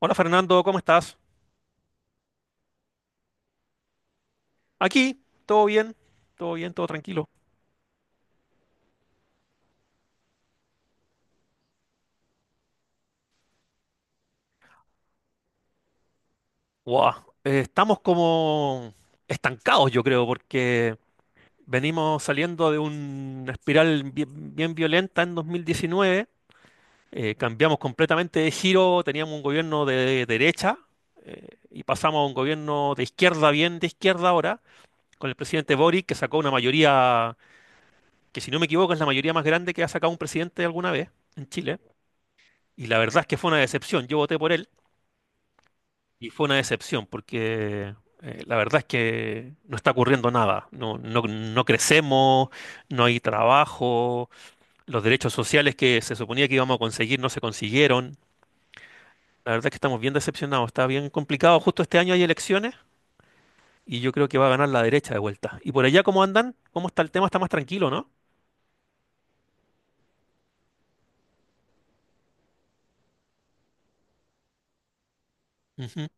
Hola Fernando, ¿cómo estás? Aquí, todo bien, todo bien, todo tranquilo. Guau, estamos como estancados, yo creo, porque venimos saliendo de una espiral bien, bien violenta en 2019. Cambiamos completamente de giro, teníamos un gobierno de derecha y pasamos a un gobierno de izquierda, bien de izquierda ahora, con el presidente Boric, que sacó una mayoría, que si no me equivoco es la mayoría más grande que ha sacado un presidente alguna vez en Chile. Y la verdad es que fue una decepción, yo voté por él. Y fue una decepción porque la verdad es que no está ocurriendo nada. No, no, no crecemos, no hay trabajo, los derechos sociales que se suponía que íbamos a conseguir no se consiguieron. La verdad es que estamos bien decepcionados, está bien complicado. Justo este año hay elecciones y yo creo que va a ganar la derecha de vuelta. ¿Y por allá cómo andan? ¿Cómo está el tema? Está más tranquilo, ¿no? Ujú.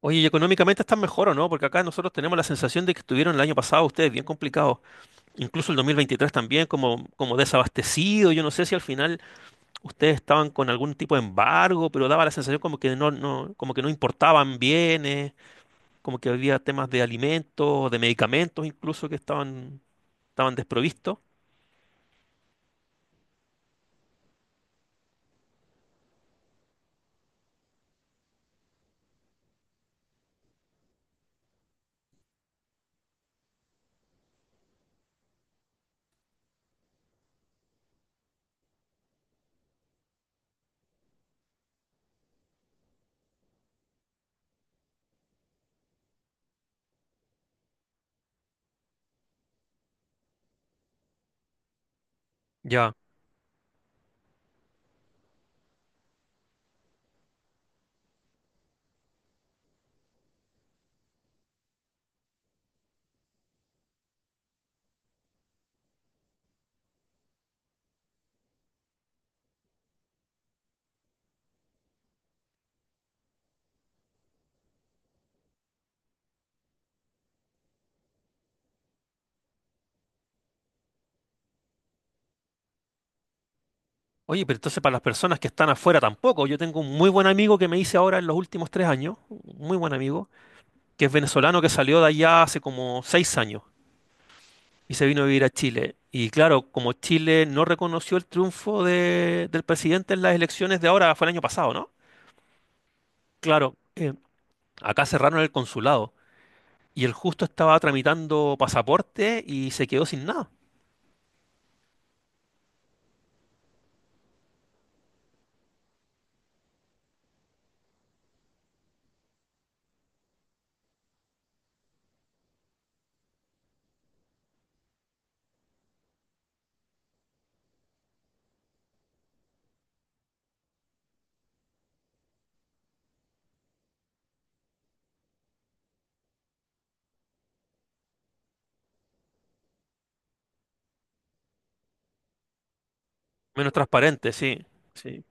Oye, ¿y económicamente están mejor o no? Porque acá nosotros tenemos la sensación de que estuvieron el año pasado ustedes bien complicados, incluso el 2023 también, como desabastecido. Yo no sé si al final ustedes estaban con algún tipo de embargo, pero daba la sensación como que no, no, como que no importaban bienes, como que había temas de alimentos, de medicamentos incluso que estaban desprovistos. Ya. Oye, pero entonces para las personas que están afuera tampoco. Yo tengo un muy buen amigo que me hice ahora en los últimos 3 años, un muy buen amigo, que es venezolano que salió de allá hace como 6 años y se vino a vivir a Chile. Y claro, como Chile no reconoció el triunfo del presidente en las elecciones de ahora, fue el año pasado, ¿no? Claro, acá cerraron el consulado y el justo estaba tramitando pasaporte y se quedó sin nada. Menos transparente, sí. Sí.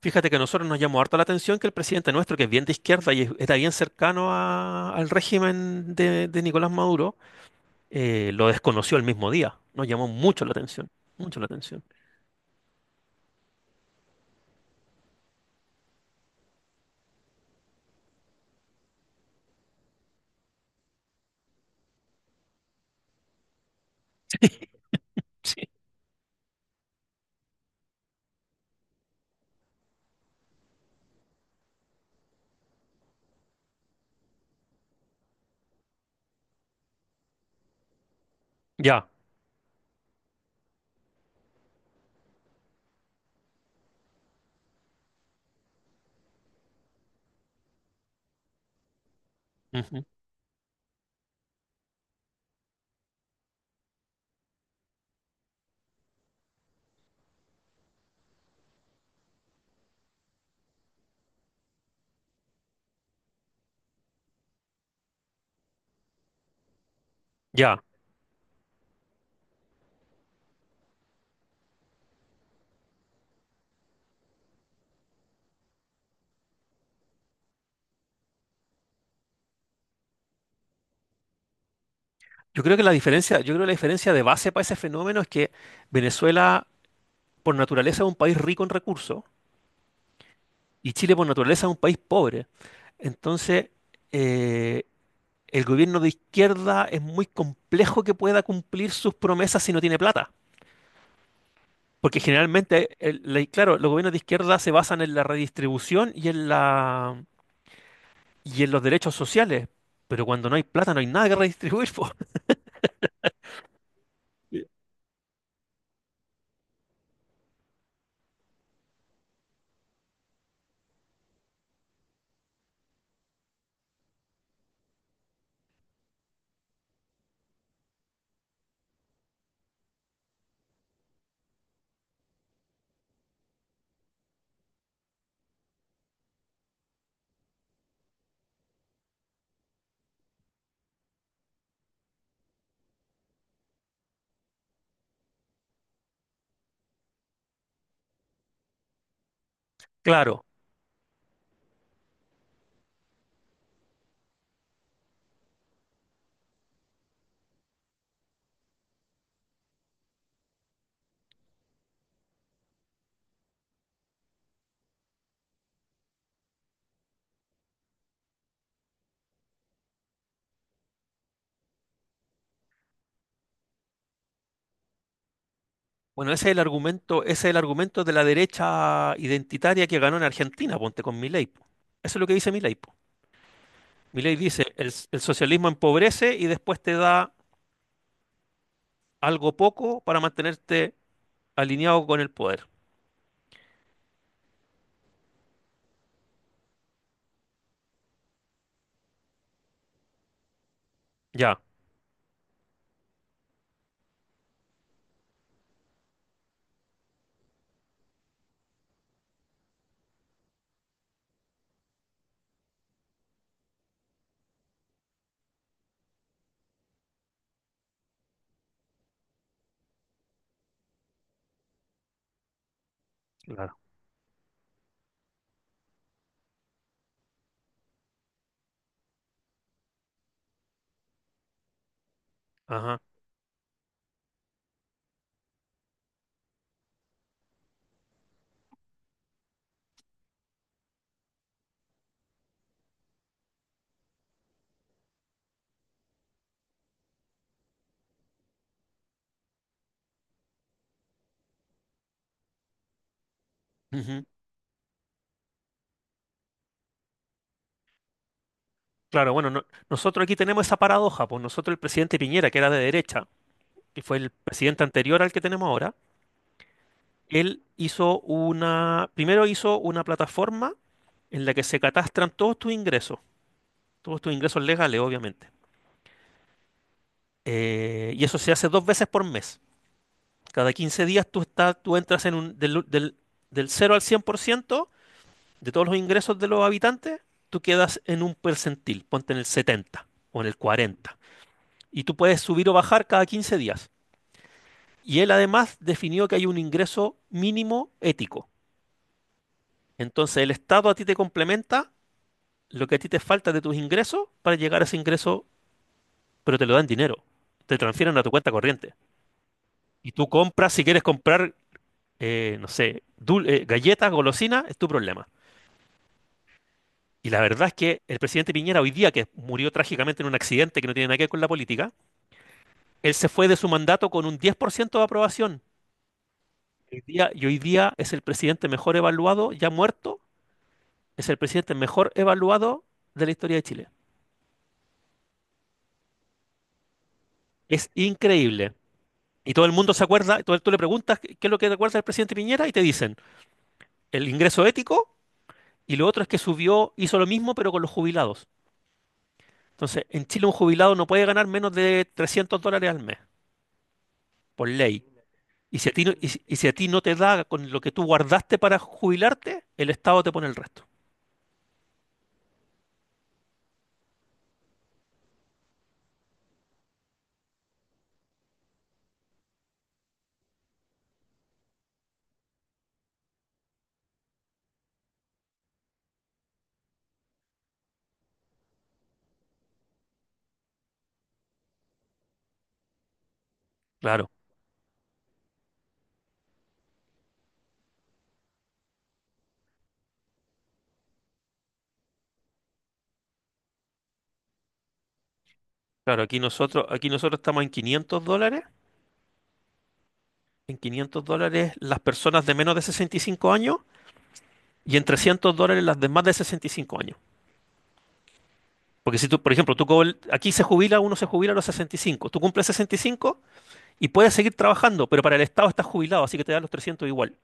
Fíjate que a nosotros nos llamó harta la atención que el presidente nuestro, que es bien de izquierda y está bien cercano al régimen de Nicolás Maduro, lo desconoció el mismo día. Nos llamó mucho la atención, mucho la atención. Sí. Ya, ujú, ya. Yo creo que la diferencia, yo creo que la diferencia de base para ese fenómeno es que Venezuela, por naturaleza, es un país rico en recursos. Y Chile por naturaleza es un país pobre. Entonces, eh, el gobierno de izquierda es muy complejo que pueda cumplir sus promesas si no tiene plata. Porque generalmente, claro, los gobiernos de izquierda se basan en la redistribución y en los derechos sociales. Pero cuando no hay plata no hay nada que redistribuir, po. Sí. Claro. Bueno, ese es el argumento, ese es el argumento de la derecha identitaria que ganó en Argentina, ponte con Milei, po. Eso es lo que dice Milei. Milei dice, el socialismo empobrece y después te da algo poco para mantenerte alineado con el poder. Ya, claro. Ajá. Ujú. Claro, bueno, nosotros aquí tenemos esa paradoja, pues nosotros el presidente Piñera, que era de derecha, que fue el presidente anterior al que tenemos ahora, él primero hizo una plataforma en la que se catastran todos tus ingresos legales, obviamente. Y eso se hace dos veces por mes. Cada 15 días tú entras en un, del, del, del 0 al 100% de todos los ingresos de los habitantes, tú quedas en un percentil, ponte en el 70 o en el 40. Y tú puedes subir o bajar cada 15 días. Y él además definió que hay un ingreso mínimo ético. Entonces el Estado a ti te complementa lo que a ti te falta de tus ingresos para llegar a ese ingreso, pero te lo dan dinero. Te transfieren a tu cuenta corriente. Y tú compras, si quieres comprar, no sé, galletas, golosinas, es tu problema. Y la verdad es que el presidente Piñera hoy día, que murió trágicamente en un accidente que no tiene nada que ver con la política, él se fue de su mandato con un 10% de aprobación. Hoy día es el presidente mejor evaluado, ya muerto, es el presidente mejor evaluado de la historia de Chile. Es increíble. Y todo el mundo se acuerda, todo, tú le preguntas qué es lo que recuerda el presidente Piñera y te dicen el ingreso ético y lo otro es que subió, hizo lo mismo pero con los jubilados. Entonces, en Chile un jubilado no puede ganar menos de $300 al mes, por ley. Y si a ti no te da con lo que tú guardaste para jubilarte, el Estado te pone el resto. Claro, claro, aquí nosotros estamos en $500, en $500 las personas de menos de 65 años y en $300 las de más de 65 años. Porque si tú, por ejemplo, aquí se jubila, uno se jubila a los 65, tú cumples 65 y cinco y puedes seguir trabajando, pero para el Estado estás jubilado, así que te dan los 300 igual.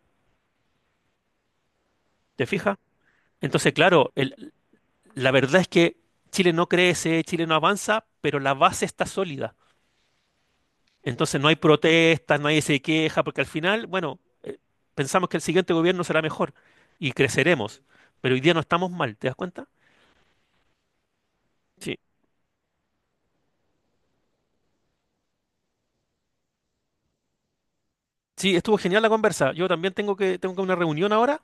¿Te fijas? Entonces, claro, la verdad es que Chile no crece, Chile no avanza, pero la base está sólida. Entonces no hay protestas, nadie se queja, porque al final, bueno, pensamos que el siguiente gobierno será mejor y creceremos, pero hoy día no estamos mal, ¿te das cuenta? Sí. Sí, estuvo genial la conversa. Yo también tengo que una reunión ahora,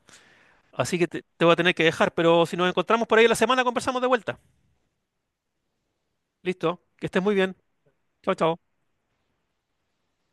así que te voy a tener que dejar, pero si nos encontramos por ahí la semana conversamos de vuelta. Listo, que estés muy bien. Chao, chao.